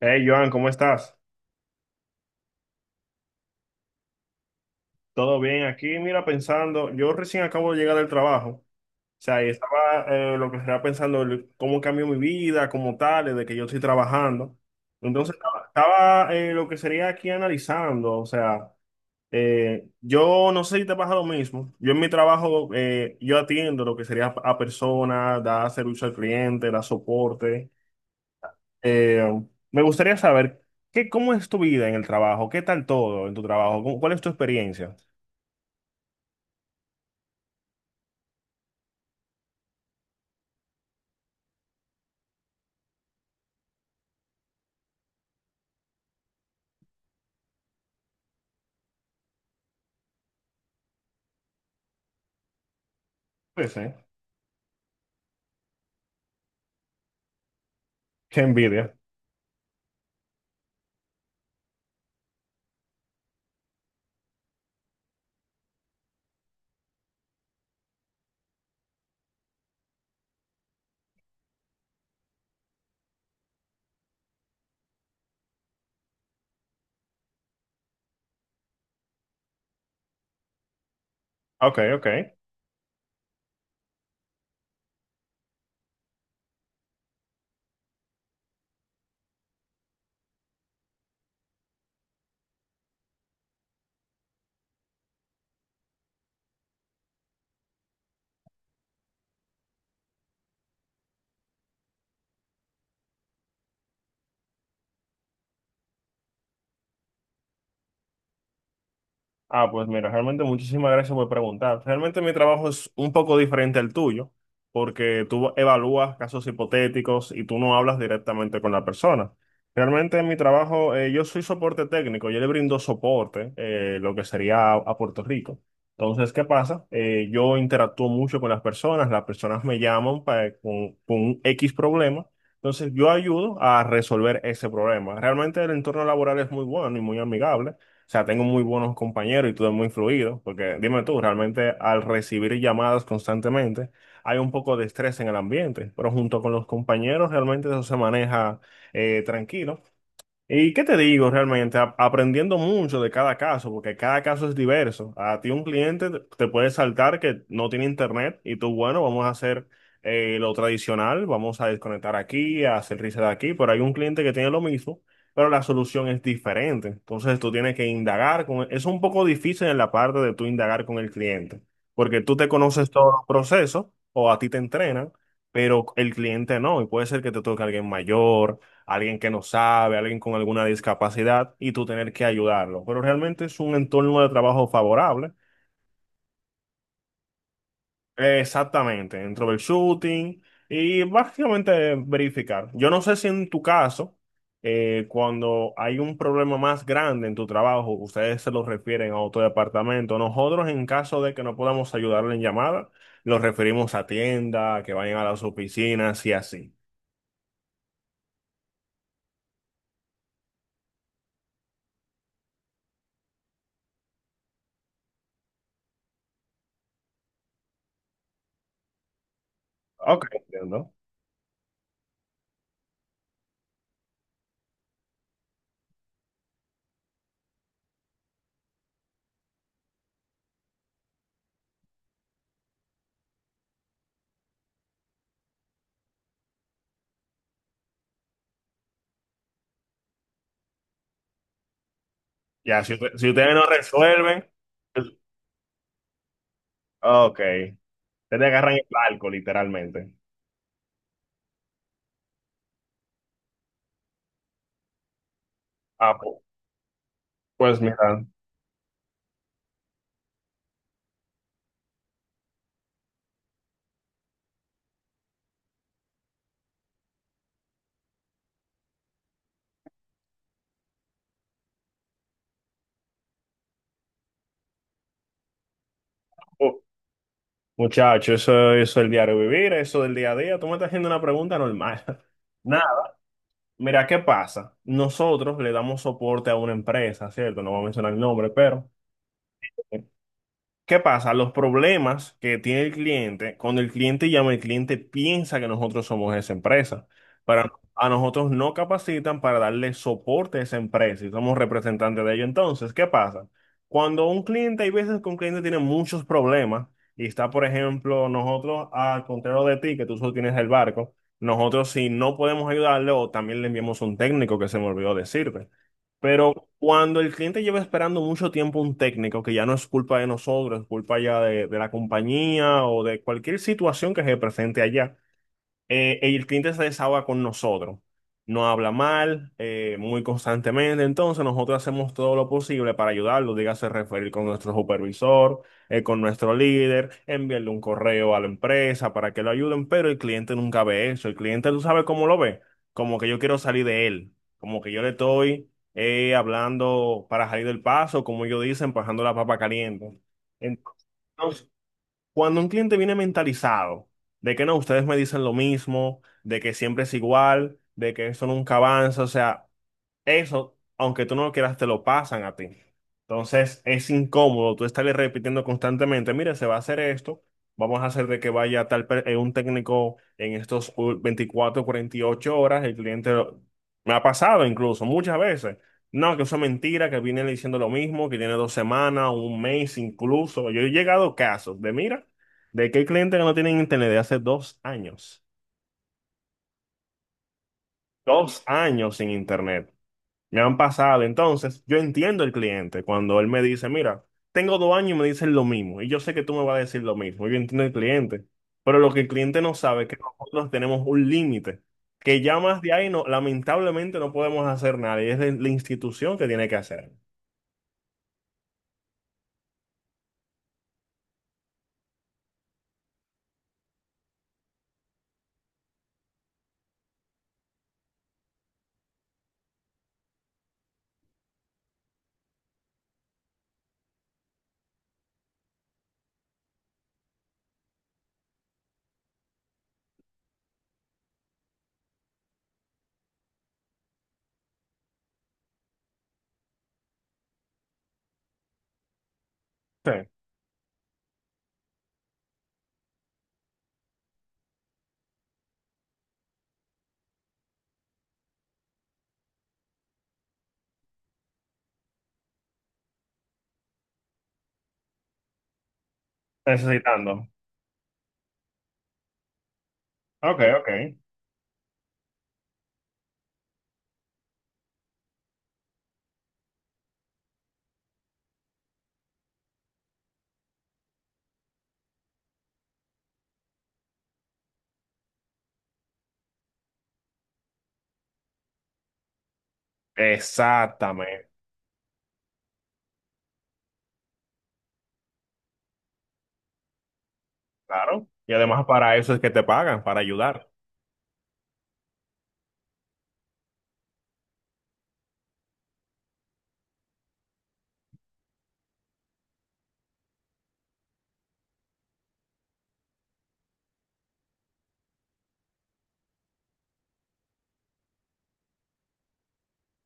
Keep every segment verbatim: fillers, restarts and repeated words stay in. Hey, Joan, ¿cómo estás? ¿Todo bien? Aquí, mira, pensando, yo recién acabo de llegar del trabajo, o sea, y estaba eh, lo que estaba pensando, el- cómo cambió mi vida como tal, desde que yo estoy trabajando. Entonces, estaba, estaba, eh, lo que sería aquí analizando, o sea, eh, yo no sé si te pasa lo mismo, yo en mi trabajo, eh, yo atiendo lo que sería a personas, da servicio al cliente, da soporte. Eh, Me gustaría saber, ¿qué, cómo es tu vida en el trabajo? ¿Qué tal todo en tu trabajo? ¿Cómo- ¿Cuál es tu experiencia? Sí, sí. Qué envidia. Ok, ok. Ah, pues mira, realmente muchísimas gracias por preguntar. Realmente mi trabajo es un poco diferente al tuyo, porque tú evalúas casos hipotéticos y tú no hablas directamente con la persona. Realmente en mi trabajo, eh, yo soy soporte técnico, yo le brindo soporte, eh, lo que sería a, a Puerto Rico. Entonces, ¿qué pasa? Eh, yo interactúo mucho con las personas, las personas me llaman para, con, con un X problema, entonces yo ayudo a resolver ese problema. Realmente el entorno laboral es muy bueno y muy amigable. O sea, tengo muy buenos compañeros y tú eres muy fluido, porque dime tú, realmente al recibir llamadas constantemente hay un poco de estrés en el ambiente, pero junto con los compañeros realmente eso se maneja eh, tranquilo. ¿Y qué te digo realmente? A- aprendiendo mucho de cada caso, porque cada caso es diverso. A ti un cliente te te puede saltar que no tiene internet y tú, bueno, vamos a hacer eh, lo tradicional, vamos a desconectar aquí, a hacer reset aquí, pero hay un cliente que tiene lo mismo, pero la solución es diferente. Entonces tú tienes que indagar con... Es un poco difícil en la parte de tú indagar con el cliente, porque tú te conoces todos los procesos o a ti te entrenan, pero el cliente no, y puede ser que te toque alguien mayor, alguien que no sabe, alguien con alguna discapacidad y tú tener que ayudarlo. Pero realmente es un entorno de trabajo favorable. Eh, Exactamente, dentro del shooting y básicamente verificar. Yo no sé si en tu caso, eh, cuando hay un problema más grande en tu trabajo, ustedes se lo refieren a otro departamento. Nosotros, en caso de que no podamos ayudarle en llamada, los referimos a tienda, que vayan a las oficinas y así. Ok, entiendo. Ya, si, usted- si ustedes no resuelven. Ok, te agarran el barco, literalmente. Ah, pu- pues mira, pu- muchacho, eso, eso es el diario vivir, eso del día a día. Tú me estás haciendo una pregunta normal. Nada, mira, ¿qué pasa? Nosotros le damos soporte a una empresa, ¿cierto? No voy a mencionar el nombre, pero ¿qué pasa? Los problemas que tiene el cliente, cuando el cliente llama, el cliente piensa que nosotros somos esa empresa, pero a nosotros no capacitan para darle soporte a esa empresa y somos representantes de ello. Entonces, ¿qué pasa? Cuando un cliente, hay veces que un cliente tiene muchos problemas y está, por ejemplo, nosotros, al contrario de ti, que tú solo tienes el barco, nosotros si no podemos ayudarle o también le enviamos un técnico que se me olvidó decirte. Pero cuando el cliente lleva esperando mucho tiempo un técnico, que ya no es culpa de nosotros, es culpa ya de, de la compañía o de cualquier situación que se presente allá, eh, y el cliente se desahoga con nosotros, no habla mal, eh, muy constantemente, entonces nosotros hacemos todo lo posible para ayudarlo, dígase referir con nuestro supervisor, eh, con nuestro líder, enviarle un correo a la empresa para que lo ayuden, pero el cliente nunca ve eso, el cliente tú sabes cómo lo ve, como que yo quiero salir de él, como que yo le estoy eh, hablando para salir del paso, como ellos dicen, pasando la papa caliente. Entonces, cuando un cliente viene mentalizado de que no, ustedes me dicen lo mismo, de que siempre es igual, de que eso nunca avanza, o sea, eso, aunque tú no lo quieras, te lo pasan a ti. Entonces es incómodo tú estarle repitiendo constantemente, mira, se va a hacer esto, vamos a hacer de que vaya tal per- eh, un técnico en estos u- veinticuatro, cuarenta y ocho horas, el cliente lo- me ha pasado incluso muchas veces. No, que eso es mentira, que viene diciendo lo mismo, que tiene dos semanas, un mes incluso. Yo he llegado a casos de, mira, de que hay clientes que no tienen internet de hace dos años. Dos años sin internet. Me han pasado. Entonces, yo entiendo el cliente cuando él me dice, mira, tengo dos años y me dicen lo mismo. Y yo sé que tú me vas a decir lo mismo. Yo entiendo el cliente. Pero lo que el cliente no sabe es que nosotros tenemos un límite. Que ya más de ahí, no, lamentablemente, no podemos hacer nada. Y es la, la institución que tiene que hacer. Sí, necesitando. Ok, ok. Exactamente. Claro. Y además para eso es que te pagan, para ayudar.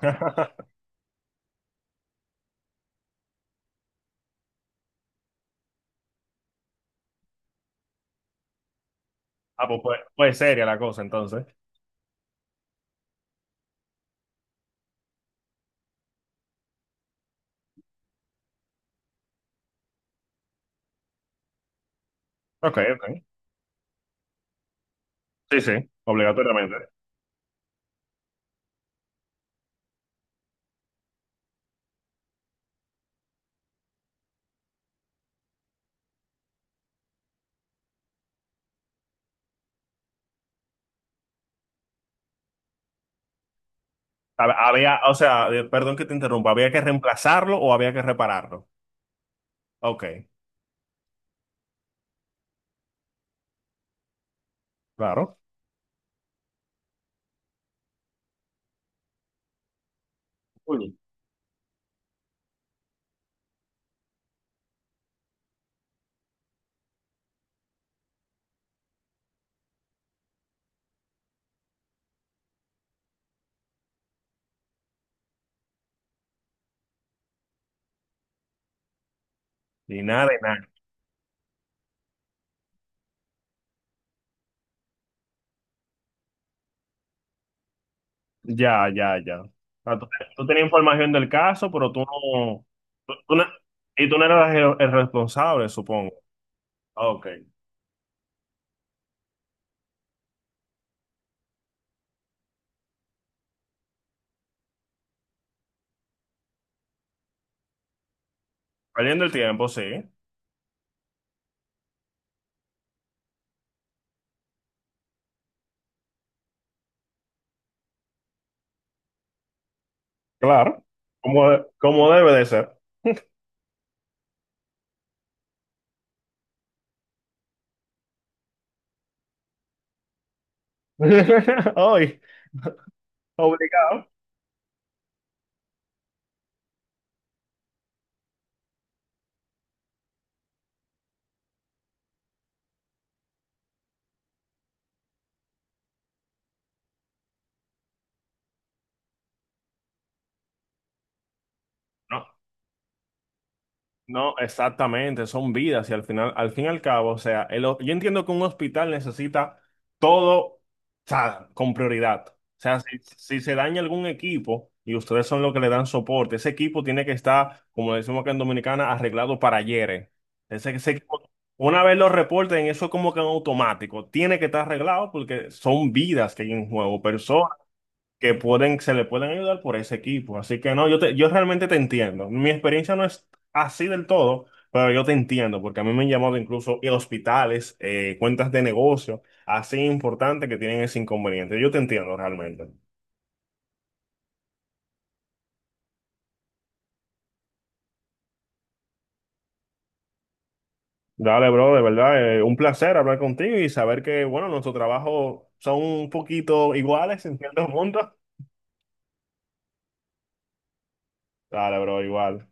Ah, pues, pues, pues seria la cosa entonces. Ok, ok. Sí, sí, obligatoriamente. Hab- Había, o sea, eh, perdón que te interrumpa, ¿había que reemplazarlo o había que repararlo? Ok, claro. Uy. Ni nada de nada. Ya, ya, ya. O sea, tú, tú tenías información del caso, pero tú no, tú- tú no- y tú no eras el, el responsable, supongo. Ok. Perdiendo el tiempo, sí. Claro. Como, como debe de ser. Hoy, obligado. No. No, exactamente, son vidas y al final, al fin y al cabo, o sea, el ho- yo entiendo que un hospital necesita todo, o sea, con prioridad. O sea, si, si se daña algún equipo y ustedes son los que le dan soporte, ese equipo tiene que estar, como decimos acá en Dominicana, arreglado para ayer. Eh. Ese, ese equipo, una vez lo reporten, eso como que en automático, tiene que estar arreglado porque son vidas que hay en juego, que pueden, se le pueden ayudar por ese equipo. Así que no, yo, te- yo realmente te entiendo. Mi experiencia no es así del todo, pero yo te entiendo, porque a mí me han llamado incluso y hospitales, eh, cuentas de negocio, así importantes que tienen ese inconveniente. Yo te entiendo realmente. Dale, bro, de verdad, eh, un placer hablar contigo y saber que, bueno, nuestros trabajos son un poquito iguales en ciertos puntos. Dale, bro, igual.